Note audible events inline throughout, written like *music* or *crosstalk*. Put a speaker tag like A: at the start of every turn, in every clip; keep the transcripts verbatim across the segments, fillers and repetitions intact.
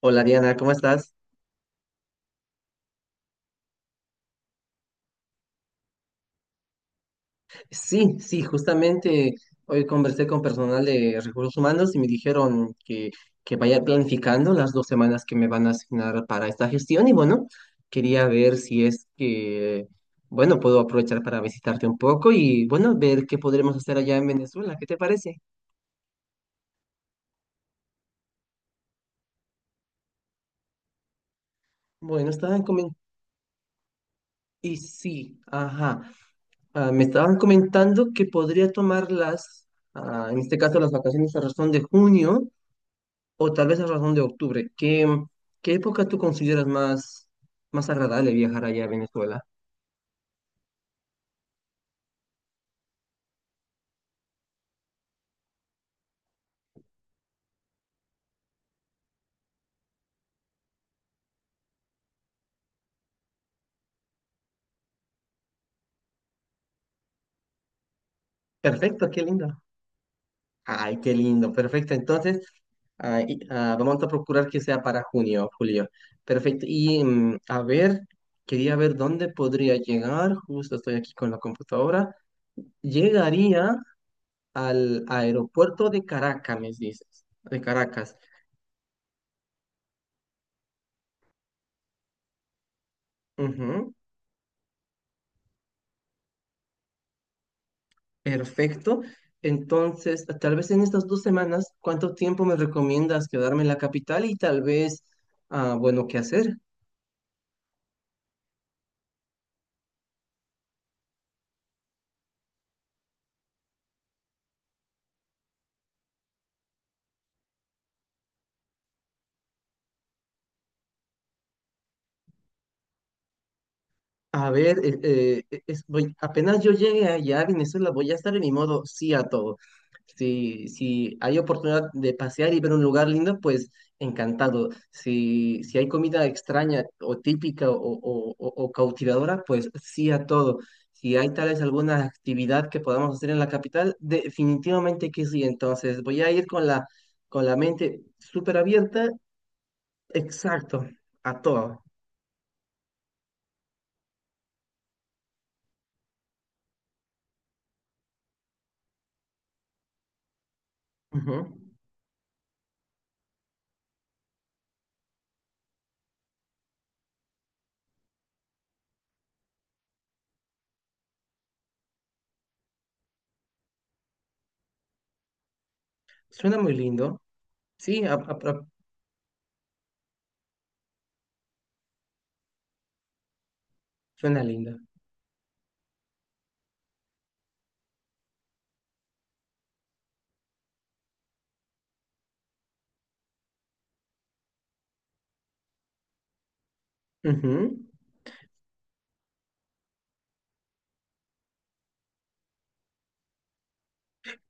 A: Hola Diana, ¿cómo estás? Sí, sí, justamente hoy conversé con personal de recursos humanos y me dijeron que, que vaya planificando las dos semanas que me van a asignar para esta gestión y bueno, quería ver si es que, bueno, puedo aprovechar para visitarte un poco y bueno, ver qué podremos hacer allá en Venezuela, ¿qué te parece? Bueno, estaban comentando, y sí, ajá, ah, me estaban comentando que podría tomar las, ah, en este caso las vacaciones a razón de junio o tal vez a razón de octubre. ¿Qué, qué época tú consideras más, más agradable viajar allá a Venezuela? Perfecto, qué lindo. Ay, qué lindo, perfecto. Entonces, ah, y- ah, vamos a procurar que sea para junio, julio. Perfecto. Y mm, a ver, quería ver dónde podría llegar. Justo estoy aquí con la computadora. Llegaría al aeropuerto de Caracas, me dices. De Caracas. Perfecto. Entonces, tal vez en estas dos semanas, ¿cuánto tiempo me recomiendas quedarme en la capital y tal vez, ah, bueno, qué hacer? A ver, eh, eh, eh, es- voy- apenas yo llegue allá a Venezuela, voy a estar en mi modo sí a todo. Si, si hay oportunidad de pasear y ver un lugar lindo, pues encantado. Si, si hay comida extraña o típica o, o- o- o cautivadora, pues sí a todo. Si hay tal vez alguna actividad que podamos hacer en la capital, definitivamente que sí. Entonces voy a ir con la, con la mente súper abierta, exacto, a todo. Ujú. Suena muy lindo. Sí, a- a- Suena linda. Ujú.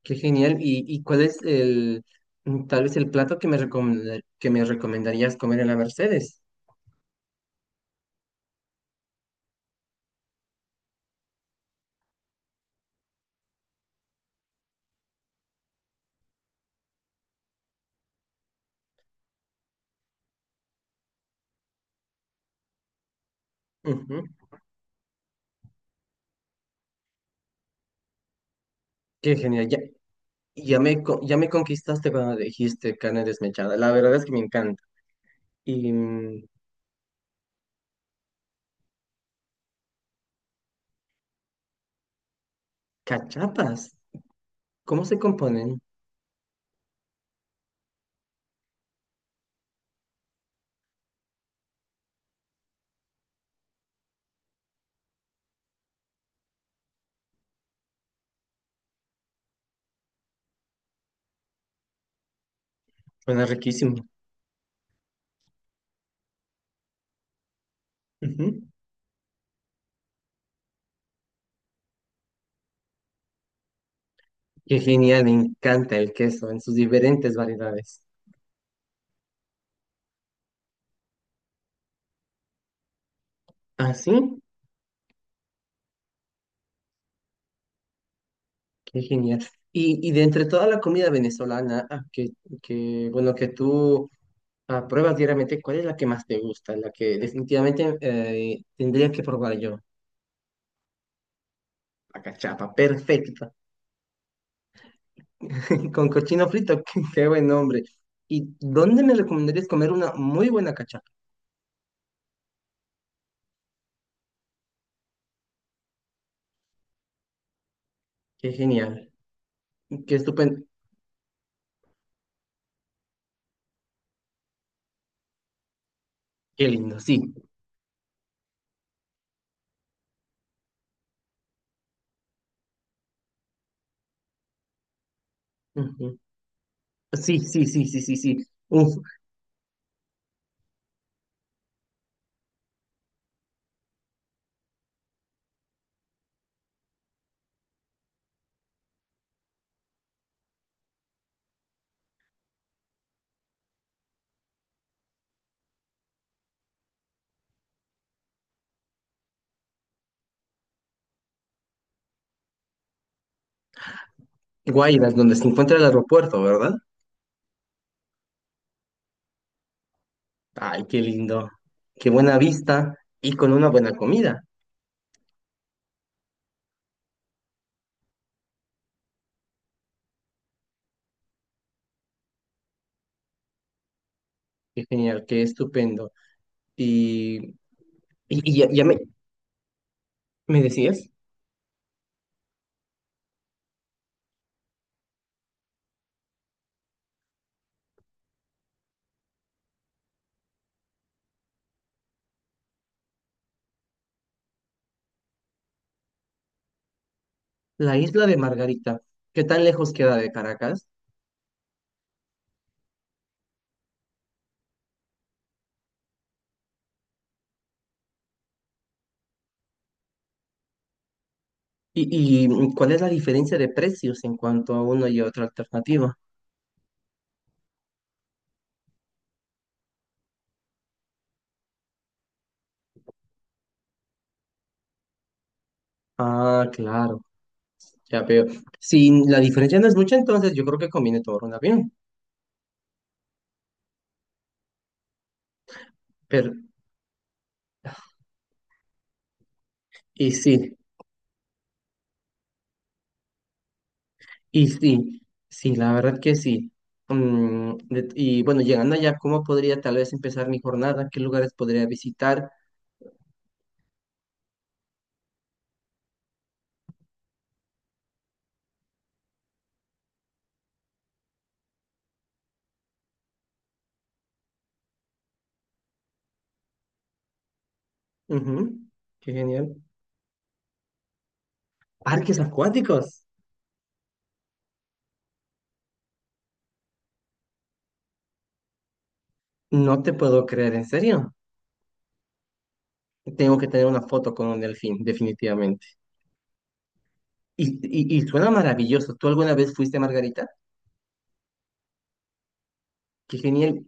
A: Qué genial. ¿Y, y cuál es el, mm, tal vez el plato que me recomenda- que me recomendarías comer en la Mercedes? Ujú. Qué genial. Ya, ya me, co- ya me conquistaste cuando dijiste carne desmechada. La verdad es que me encanta. Y mm, cachapas, ¿cómo se componen? Suena riquísimo. Ujú. Qué genial, me encanta el queso en sus diferentes variedades. ¿Ah, sí? Qué genial. Y, y de entre toda la comida venezolana, ah, que, que, bueno, que tú Ah, pruebas diariamente, ¿cuál es la que más te gusta? La que definitivamente eh, tendría que probar yo. La cachapa, perfecta. *laughs* Con cochino frito, *laughs* qué, qué buen nombre. ¿Y dónde me recomendarías comer una muy buena cachapa? Qué genial, qué estupendo, qué lindo, sí. Ujú. Sí, sí, sí, sí, sí, sí. Uf, Guaymas, donde se encuentra el aeropuerto, ¿verdad? Ay, qué lindo, qué buena vista y con una buena comida. Qué genial, qué estupendo. Y, y, y ya, ya me, ¿me decías? La isla de Margarita, ¿qué tan lejos queda de Caracas? ¿Y, y mm, cuál es la diferencia de precios en cuanto a una y otra alternativa? Ah, claro, ya veo. Si la diferencia no es mucha, entonces yo creo que conviene tomar un avión. Pero, y sí, y sí, sí, la verdad que sí. Mm, de- y bueno, llegando allá, ¿cómo podría tal vez empezar mi jornada? ¿Qué lugares podría visitar? Ujú. Qué genial. Parques acuáticos. No te puedo creer, en serio. Tengo que tener una foto con un delfín, definitivamente. Y, y, y suena maravilloso. ¿Tú alguna vez fuiste a Margarita? Qué genial.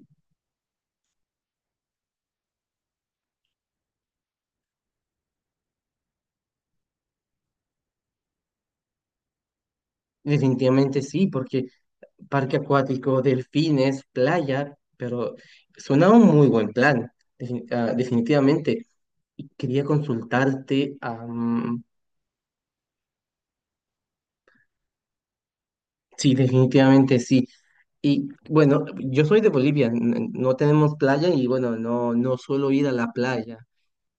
A: Definitivamente sí, porque parque acuático, delfines, playa, pero suena un muy buen plan, defin- ah, definitivamente. Y quería consultarte, am, sí, definitivamente sí. Y bueno, yo soy de Bolivia, n- no tenemos playa y bueno, no, no suelo ir a la playa.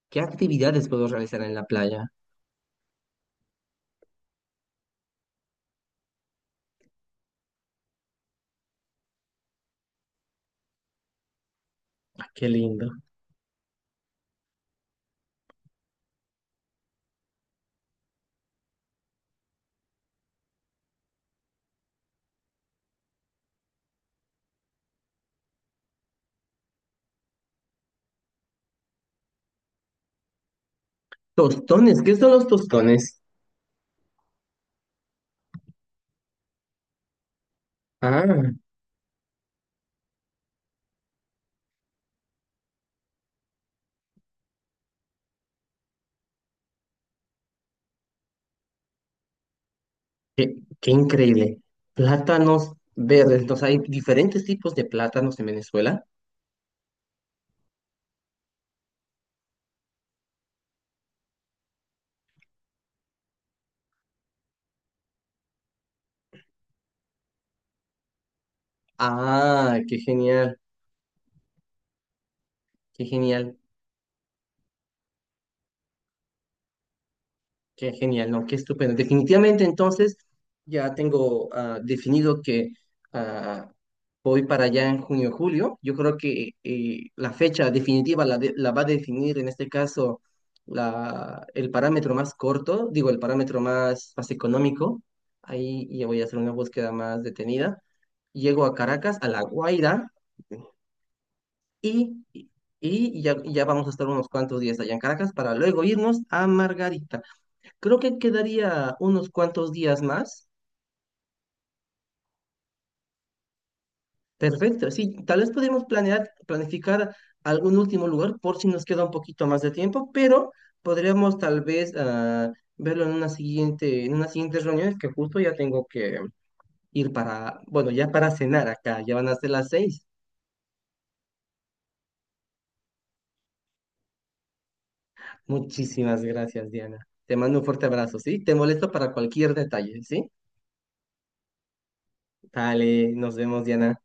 A: ¿Qué actividades puedo realizar en la playa? Ah, qué lindo. Tostones, ¿qué son los tostones? Ah, qué, qué increíble. Plátanos verdes, entonces hay diferentes tipos de plátanos en Venezuela. Ah, qué genial, qué genial. Qué genial, ¿no? Qué estupendo. Definitivamente, entonces, ya tengo ah, definido que ah, voy para allá en junio o julio. Yo creo que eh, la fecha definitiva la, de- la va a definir, en este caso, la, el parámetro más corto, digo, el parámetro más, más económico. Ahí ya voy a hacer una búsqueda más detenida. Llego a Caracas, a La Guaira, y, y ya, ya vamos a estar unos cuantos días allá en Caracas para luego irnos a Margarita. Creo que quedaría unos cuantos días más. Perfecto, sí, tal vez podemos planear, planificar algún último lugar por si nos queda un poquito más de tiempo, pero podríamos tal vez ah, verlo en una siguiente, en una siguiente reunión, es que justo ya tengo que ir para, bueno, ya para cenar acá, ya van a ser las seis. Muchísimas gracias, Diana. Te mando un fuerte abrazo, ¿sí? Te molesto para cualquier detalle, ¿sí? Dale, nos vemos, Diana.